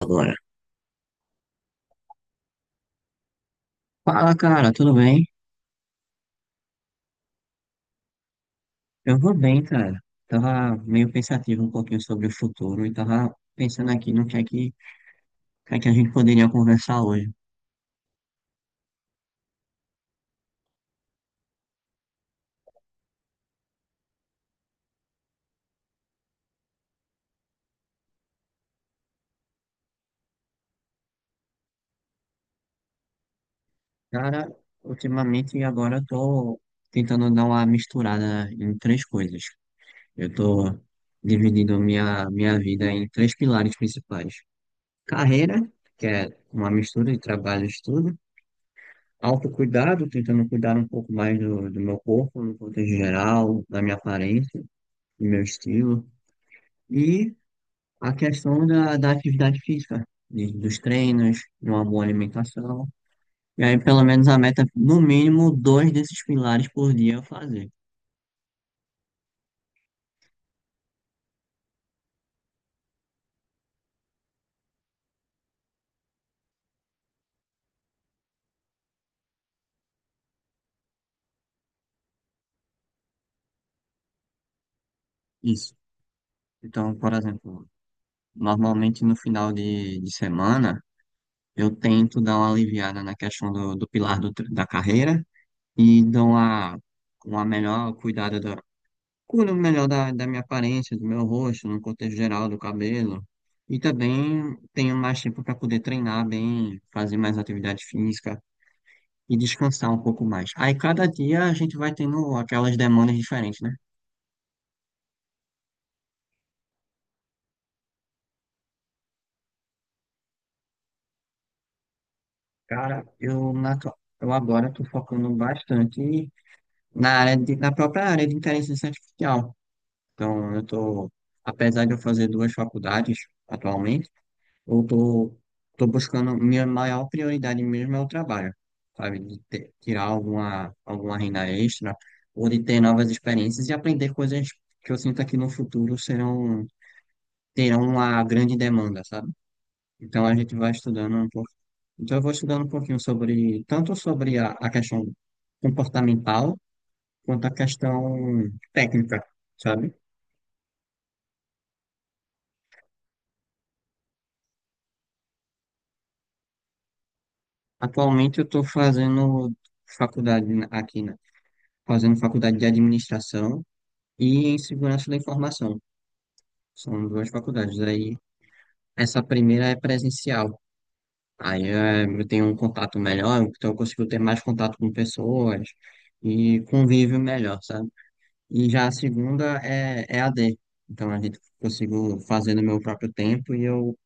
Agora. Fala, cara, tudo bem? Eu vou bem, cara. Tava meio pensativo um pouquinho sobre o futuro e tava pensando aqui no que é que a gente poderia conversar hoje. Cara, ultimamente agora eu tô tentando dar uma misturada em três coisas. Eu tô dividindo minha vida em três pilares principais. Carreira, que é uma mistura de trabalho e estudo. Autocuidado, tentando cuidar um pouco mais do meu corpo, no contexto geral, da minha aparência, do meu estilo. E a questão da atividade física, dos treinos, de uma boa alimentação. E aí, pelo menos, a meta, no mínimo, dois desses pilares por dia eu fazer. Isso. Então, por exemplo, normalmente no final de semana, eu tento dar uma aliviada na questão do pilar do, tre- da carreira e uma melhor cuidada cuido melhor da minha aparência, do meu rosto, no contexto geral, do cabelo. E também tenho mais tempo para poder treinar bem, fazer mais atividade física e descansar um pouco mais. Aí cada dia a gente vai tendo aquelas demandas diferentes, né? Cara, eu agora estou focando bastante na própria área de inteligência artificial. Então, eu estou, apesar de eu fazer duas faculdades atualmente, eu tô buscando, minha maior prioridade mesmo é o trabalho, sabe? De tirar alguma renda extra, ou de ter novas experiências e aprender coisas que eu sinto que no futuro terão uma grande demanda, sabe? Então a gente vai estudando um pouco. Então eu vou estudando um pouquinho sobre, tanto sobre a questão comportamental, quanto a questão técnica, sabe? Atualmente eu tô fazendo aqui, né? Fazendo faculdade de administração e em segurança da informação. São duas faculdades. Aí, essa primeira é presencial. Aí eu tenho um contato melhor, então eu consigo ter mais contato com pessoas e convívio melhor, sabe? E já a segunda é a D. Então a gente consigo fazer no meu próprio tempo e eu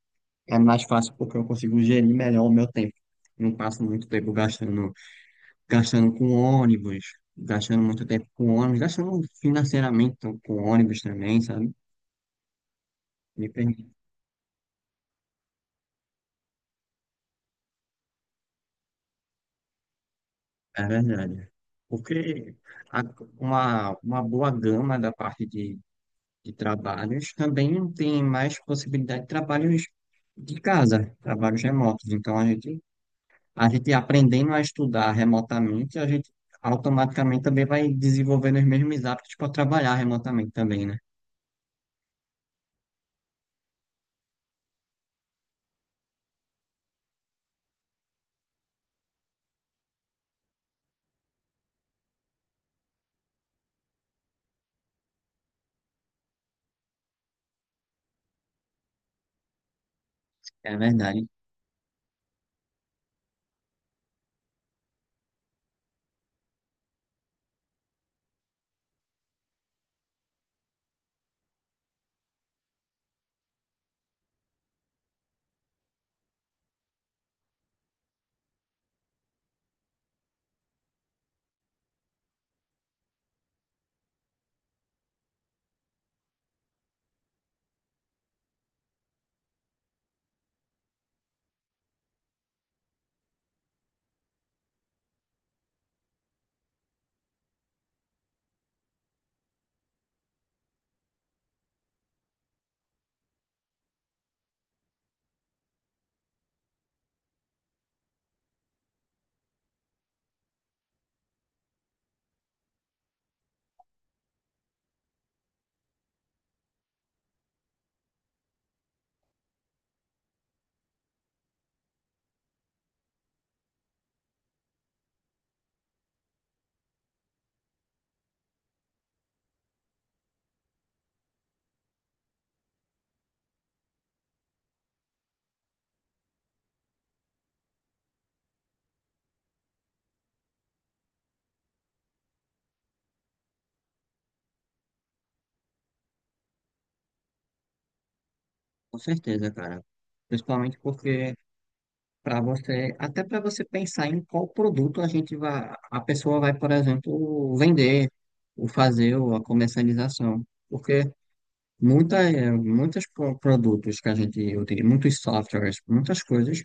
é mais fácil porque eu consigo gerir melhor o meu tempo. Não passo muito tempo gastando, gastando com ônibus, gastando muito tempo com ônibus, gastando financeiramente com ônibus também, sabe? Me permite. É verdade. Porque a- uma boa gama da parte de trabalhos também tem mais possibilidade de trabalhos de casa, trabalhos remotos. Então, a gente aprendendo a estudar remotamente, a gente automaticamente também vai desenvolvendo os mesmos hábitos para trabalhar remotamente também, né? É verdade, com certeza, cara. Principalmente porque até para você pensar em qual produto a pessoa vai, por exemplo, vender, ou fazer ou a comercialização. Porque muitas, produtos que a gente utiliza, muitos softwares, muitas coisas,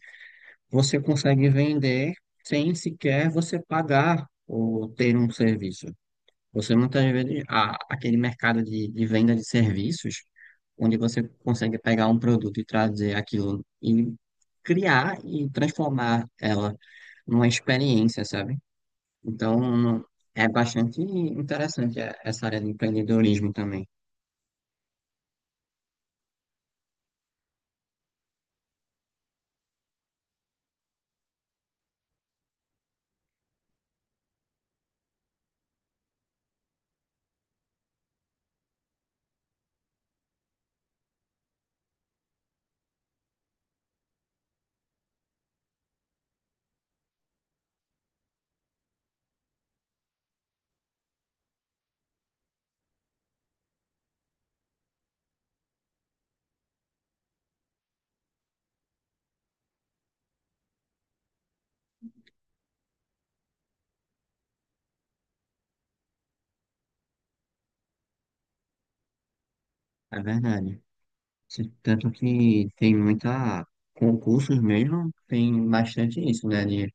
você consegue vender sem sequer você pagar ou ter um serviço. Você muitas vezes, aquele mercado de venda de serviços, onde você consegue pegar um produto e trazer aquilo e criar e transformar ela uma experiência, sabe? Então, não- É bastante interessante essa área de empreendedorismo também, é verdade. Tanto que tem muita concursos mesmo, tem bastante isso, né?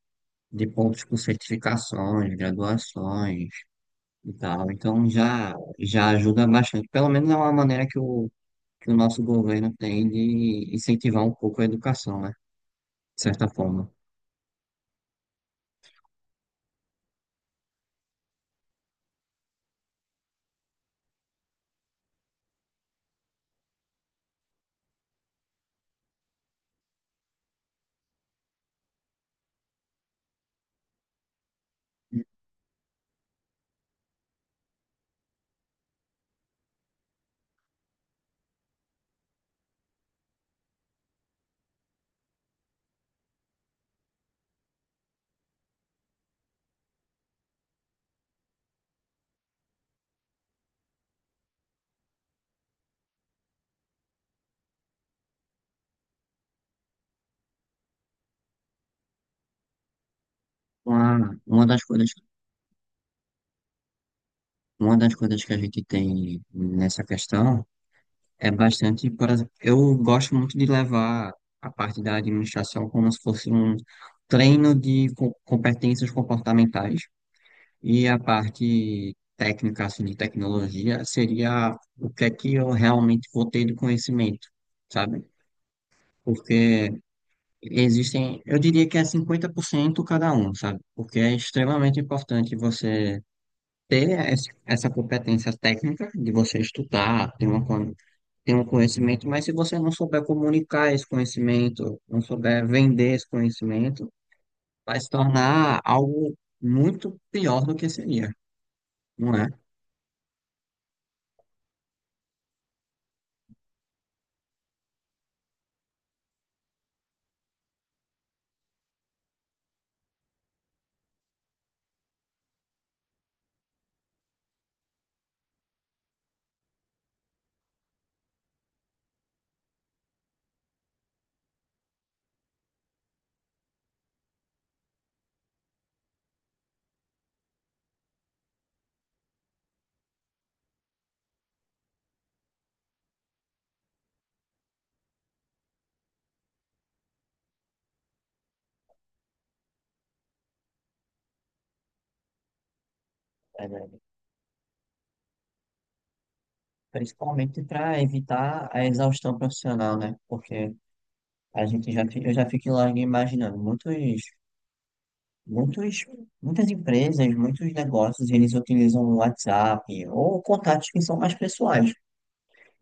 De pontos por certificações, graduações e tal. Então, já ajuda bastante. Pelo menos é uma maneira que o nosso governo tem de incentivar um pouco a educação, né? De certa forma. Uma, uma das coisas Uma das coisas que a gente tem nessa questão é bastante, por exemplo, eu gosto muito de levar a parte da administração como se fosse um treino de competências comportamentais e a parte técnica, assim, de tecnologia seria o que é que eu realmente vou ter de conhecimento, sabe? Porque existem, eu diria que é 50% cada um, sabe? Porque é extremamente importante você ter essa competência técnica de você estudar, ter um conhecimento, mas se você não souber comunicar esse conhecimento, não souber vender esse conhecimento, vai se tornar algo muito pior do que seria, não é? Verdade. Principalmente para evitar a exaustão profissional, né? Porque a gente eu já fico logo imaginando, muitos, muitas empresas, muitos negócios, eles utilizam o WhatsApp ou contatos que são mais pessoais.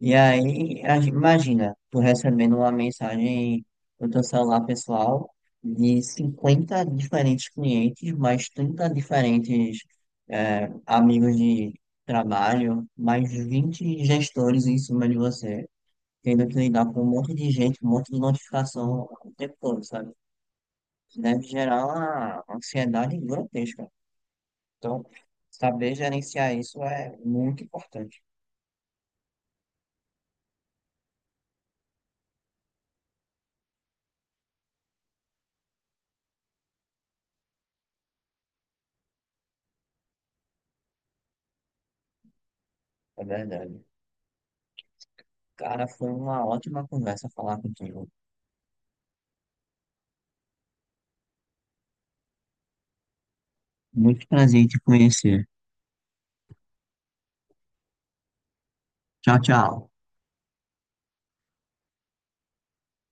E aí, imagina, tu recebendo uma mensagem no teu celular pessoal de 50 diferentes clientes, mais 30 diferentes amigos de trabalho, mais 20 gestores em cima de você, tendo que lidar com um monte de gente, um monte de notificação o tempo todo, sabe? Isso deve gerar uma ansiedade grotesca. Então, saber gerenciar isso é muito importante, é verdade. Cara, foi uma ótima conversa falar contigo. Muito prazer em te conhecer. Tchau, tchau.